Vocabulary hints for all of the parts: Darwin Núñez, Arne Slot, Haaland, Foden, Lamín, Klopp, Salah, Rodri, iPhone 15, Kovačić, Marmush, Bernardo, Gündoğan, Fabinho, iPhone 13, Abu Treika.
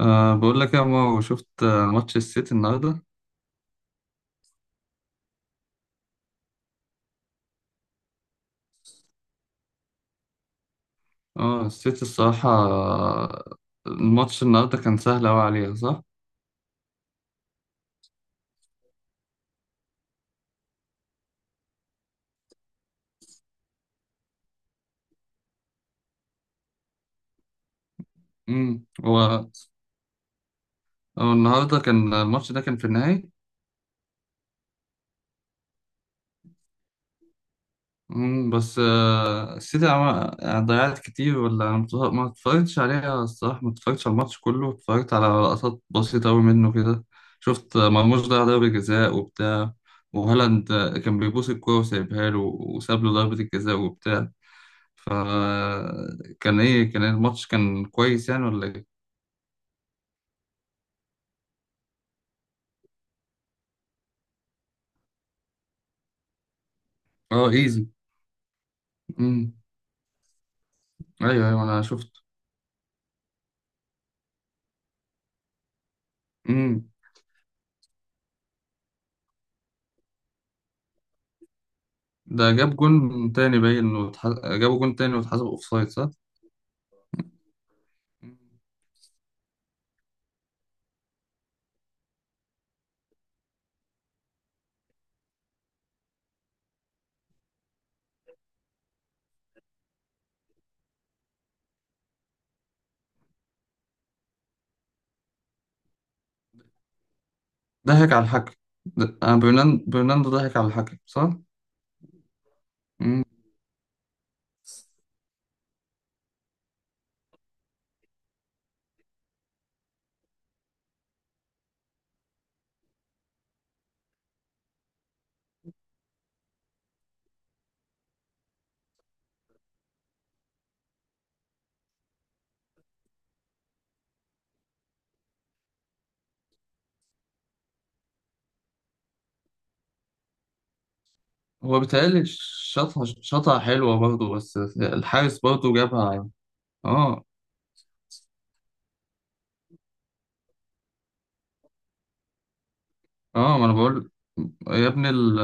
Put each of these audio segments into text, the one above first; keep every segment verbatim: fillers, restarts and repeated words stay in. أه بقول لك يا مو، شفت آه، ماتش السيتي النهارده؟ اه السيتي الصراحة آه، الماتش النهارده كان سهل أوي عليها، صح؟ امم هو هو النهارده كان الماتش ده كان في النهائي. امم بس آه، السيتي عمل يعني ضيعت كتير، ولا أنا مت- ما اتفرجتش عليها. الصراحة ما اتفرجتش على الماتش كله، اتفرجت على لقطات بسيطة أوي منه كده. شفت آه، مرموش ضيع ضربة جزاء وبتاع. وهالاند آه، كان بيبوس الكورة وسايبها له، وساب له ضربة الجزاء وبتاع. فكان ايه؟ كان الماتش كان كويس يعني، ولا ايه؟ اه، ايزي. امم، ايوه ايوه، انا شفت. امم ده جاب جون تاني باين وتح... جابوا جون تاني واتحسب اوفسايد، صح؟ مم. ضحك على الحكم. ده... آه، برنان... برناندو ضحك على الحكم، صح؟ امم هو بيتهيألي شاطها، شاطها حلوة برضه بس الحارس برضه جابها. اه اه، ما انا بقول. يا ابني ال...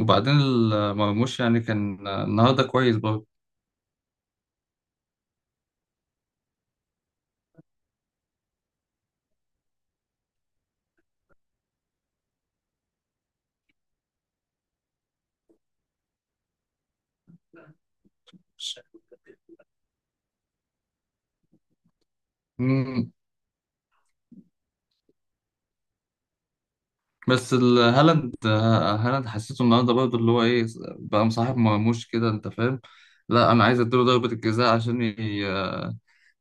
وبعدين ال- مرموش يعني كان النهارده كويس برضه. مم. بس ال- هالاند هالاند حسيته النهارده برضه اللي هو ايه، بقى مصاحب مرموش كده، انت فاهم. لا، انا عايز اديله ضربة الجزاء عشان ي-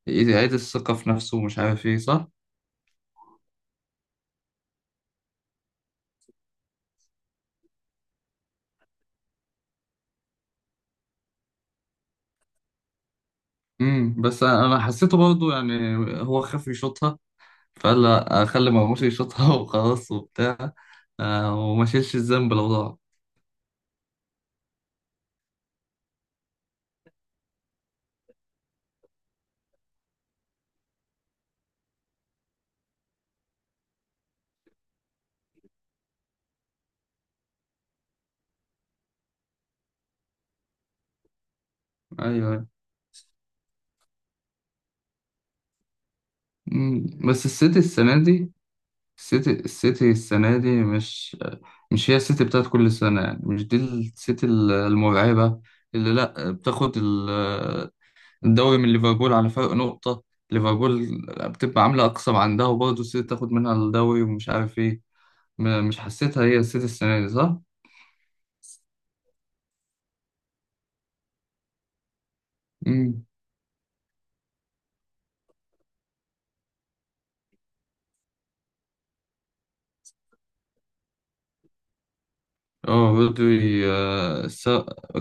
يعيد الثقة في نفسه ومش عارف ايه، صح؟ امم بس انا أنا حسيته برضه يعني، هو خاف يشوطها، فقال لا، اخلي مرموش يشوطها وخلاص وبتاع. آه، وما شيلش الذنب لو ضاع. ايوه، أيوة. امم بس السيتي السنة دي، السيتي السيتي السنة دي مش، مش هي السيتي بتاعت كل سنة يعني. مش دي السيتي المرعبة اللي لأ بتاخد ال- الدوري من ليفربول على فرق نقطة. ليفربول بتبقى عاملة أقصى ما عندها وبرضه السيتي تاخد منها الدوري ومش عارف إيه. م- مش حسيتها هي السيتي السنة دي، صح؟ مم. اه، رودري آه، س-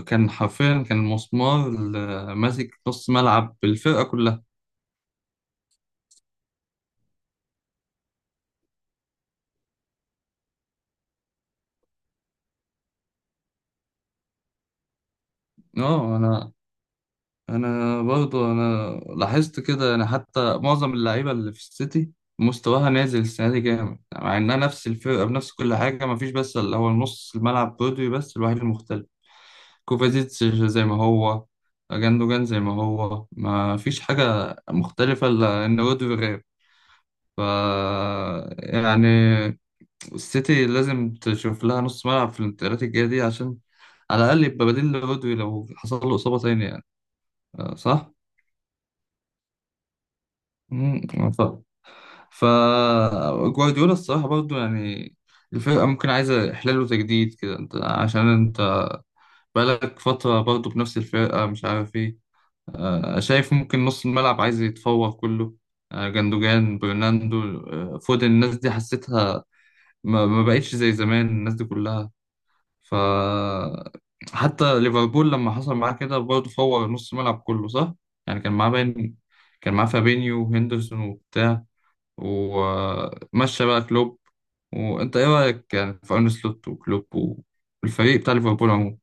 كان حرفيا كان مسمار ل- ماسك نص ملعب الفرقة كلها. اه، انا انا برضو انا لاحظت كده، يعني حتى معظم اللعيبه اللي في السيتي مستواها نازل السنه دي جامد يعني. مع انها نفس الفرقه بنفس كل حاجه، ما فيش بس اللي هو نص الملعب برودري بس الوحيد المختلف. كوفازيتش زي ما هو، جاندوجان زي ما هو، ما فيش حاجه مختلفه الا ان رودري غاب. ف يعني، السيتي لازم تشوف لها نص ملعب في الانتقالات الجايه دي عشان على الاقل يبقى بديل لرودري لو حصل له اصابه تانية يعني. أه، صح؟ مم، فجوارديولا الصراحة برضو يعني الفرقة ممكن عايزة إحلال وتجديد كده. أنت عشان أنت بقالك فترة برضو بنفس الفرقة، مش عارف إيه. آه، شايف ممكن نص الملعب عايز يتفور كله. آه، جندوجان، برناندو، آه، فودن، الناس دي حسيتها ما ما بقتش زي زمان، الناس دي كلها. ف حتى ليفربول لما حصل معاه كده برضه فور نص الملعب كله، صح؟ يعني كان معاه باين، كان معاه فابينيو وهندرسون وبتاع، ومشى بقى كلوب. وانت ايه رايك يعني في ارن سلوت وكلوب والفريق بتاع ليفربول عموما؟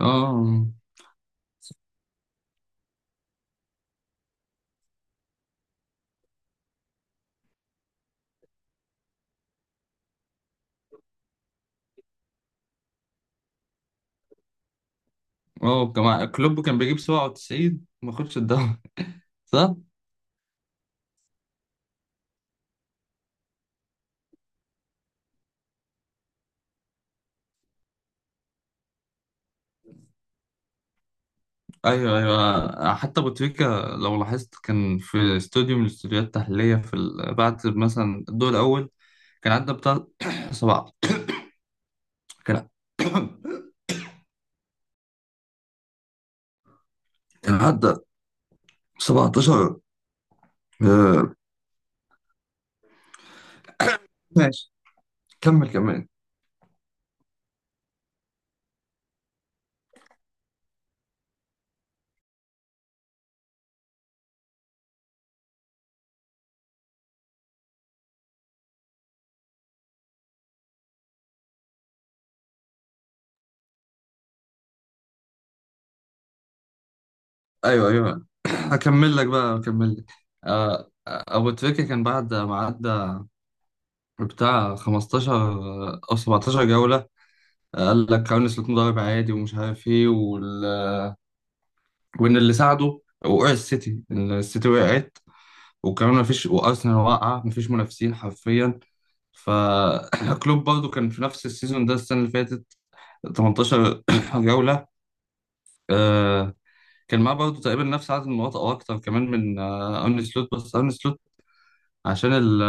اه اه، جماعة كلوب كان بيجيب سبعة وتسعين ما خدش الدوري صح؟ ايوه ايوه، حتى ابو تريكة لو لاحظت كان في استوديو من الاستوديوهات التحليليه في ال- بعد مثلا الدور الاول كان عدى بتاع سبعة. كان كان عدى سبعتاشر. آه، ماشي، كمل كمان. ايوه ايوه، هكمل لك بقى هكمل لك. آه، آه، ابو تريكة كان بعد ما عدى بتاع خمستاشر او سبعتاشر جولة. آه، قال لك كارلوس سلوت مدرب عادي ومش عارف ايه وال... وان اللي ساعده وقع السيتي، إن السيتي وقعت، وكمان مفيش وارسنال واقعة، مفيش منافسين حرفيا. فكلوب برضو كان في نفس السيزون ده السنة اللي فاتت ثمانية عشر جولة. آه، كان معاه برضو تقريبا نفس عدد النقاط او اكتر كمان من آه، ارن سلوت. بس ارن سلوت عشان ال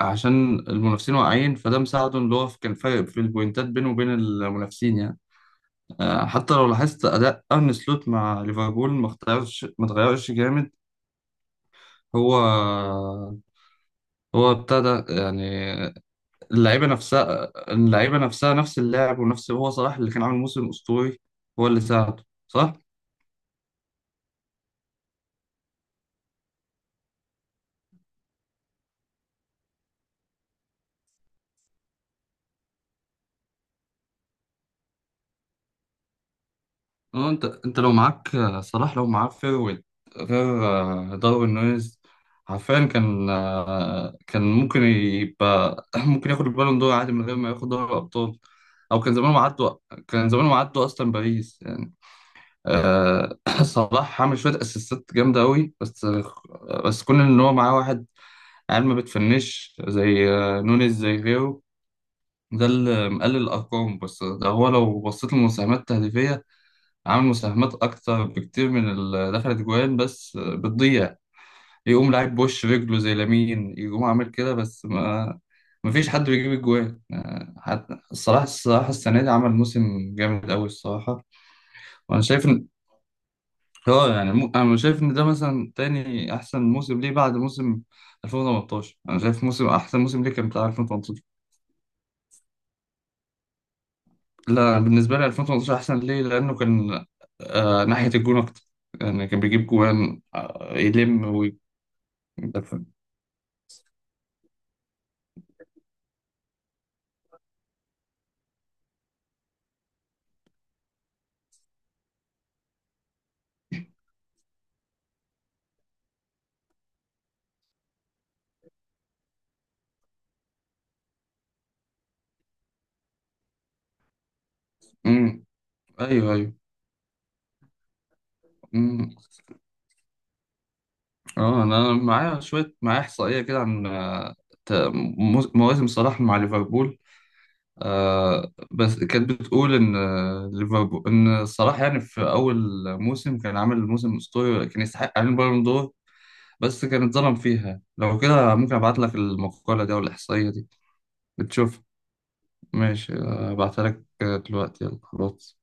عشان المنافسين واقعين، فده مساعده، اللي هو كان فارق في البوينتات بينه وبين المنافسين يعني. آه، حتى لو لاحظت اداء ارن سلوت مع ليفربول ما اختارش، ما اتغيرش جامد. هو هو ابتدى يعني اللعيبه نفسها، اللعيبه نفسها، نفس اللاعب. ونفس، هو صلاح اللي كان عامل موسم اسطوري، هو اللي ساعده صلاح. اه، انت انت لو معاك آه، صلاح، لو معاه فيرويد، غير آه، داروين نونيز، عارفين كان آه، كان ممكن يبقى ممكن ياخد البالون دور عادي من غير ما ياخد دوري الابطال. او كان زمانهم عدوا، كان زمانهم عدوا اصلا باريس يعني. آه، صلاح عمل شويه اسيستات جامده قوي بس، بس كون ان هو معاه واحد عيال ما بتفنش زي آه، نونيز زي غيره، ده اللي مقلل الارقام. بس ده هو لو بصيت للمساهمات التهديفيه، عامل مساهمات أكتر بكتير من اللي دخلت جوان بس بتضيع. يقوم لعيب بوش رجله زي لامين، يقوم عامل كده، بس ما مفيش حد بيجيب الجوان. آه، حتى الصراحة، الصراحة السنة دي عمل موسم جامد أوي الصراحة. وأنا شايف إن هو يعني مو... أنا شايف إن ده مثلا تاني أحسن موسم ليه بعد موسم ألفين وثمانية عشر. أنا شايف موسم، أحسن موسم ليه كان بتاع ألفين وتمنتاشر. لا، بالنسبة لي ألفين وتمنتاشر أحسن ليه، لأنه كان آه، ناحية الجون أكتر، يعني كان بيجيب جوان آه، يلم. ده فهم. امم، ايوه ايوه. امم، اه، انا معايا شويه، معايا احصائيه كده عن آه، ت- مو- مواسم صلاح مع ليفربول. آه، بس كانت بتقول ان آه، ليفربول، ان صلاح يعني في اول موسم كان عامل موسم اسطوري كان يستحق عليه البالون دور، بس كان اتظلم فيها. لو كده ممكن ابعت لك المقاله دي او الاحصائيه دي بتشوف. ماشي، آه، ابعتها لك آه، دلوقتي. يلا خلاص.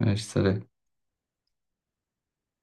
ماشي، سلام.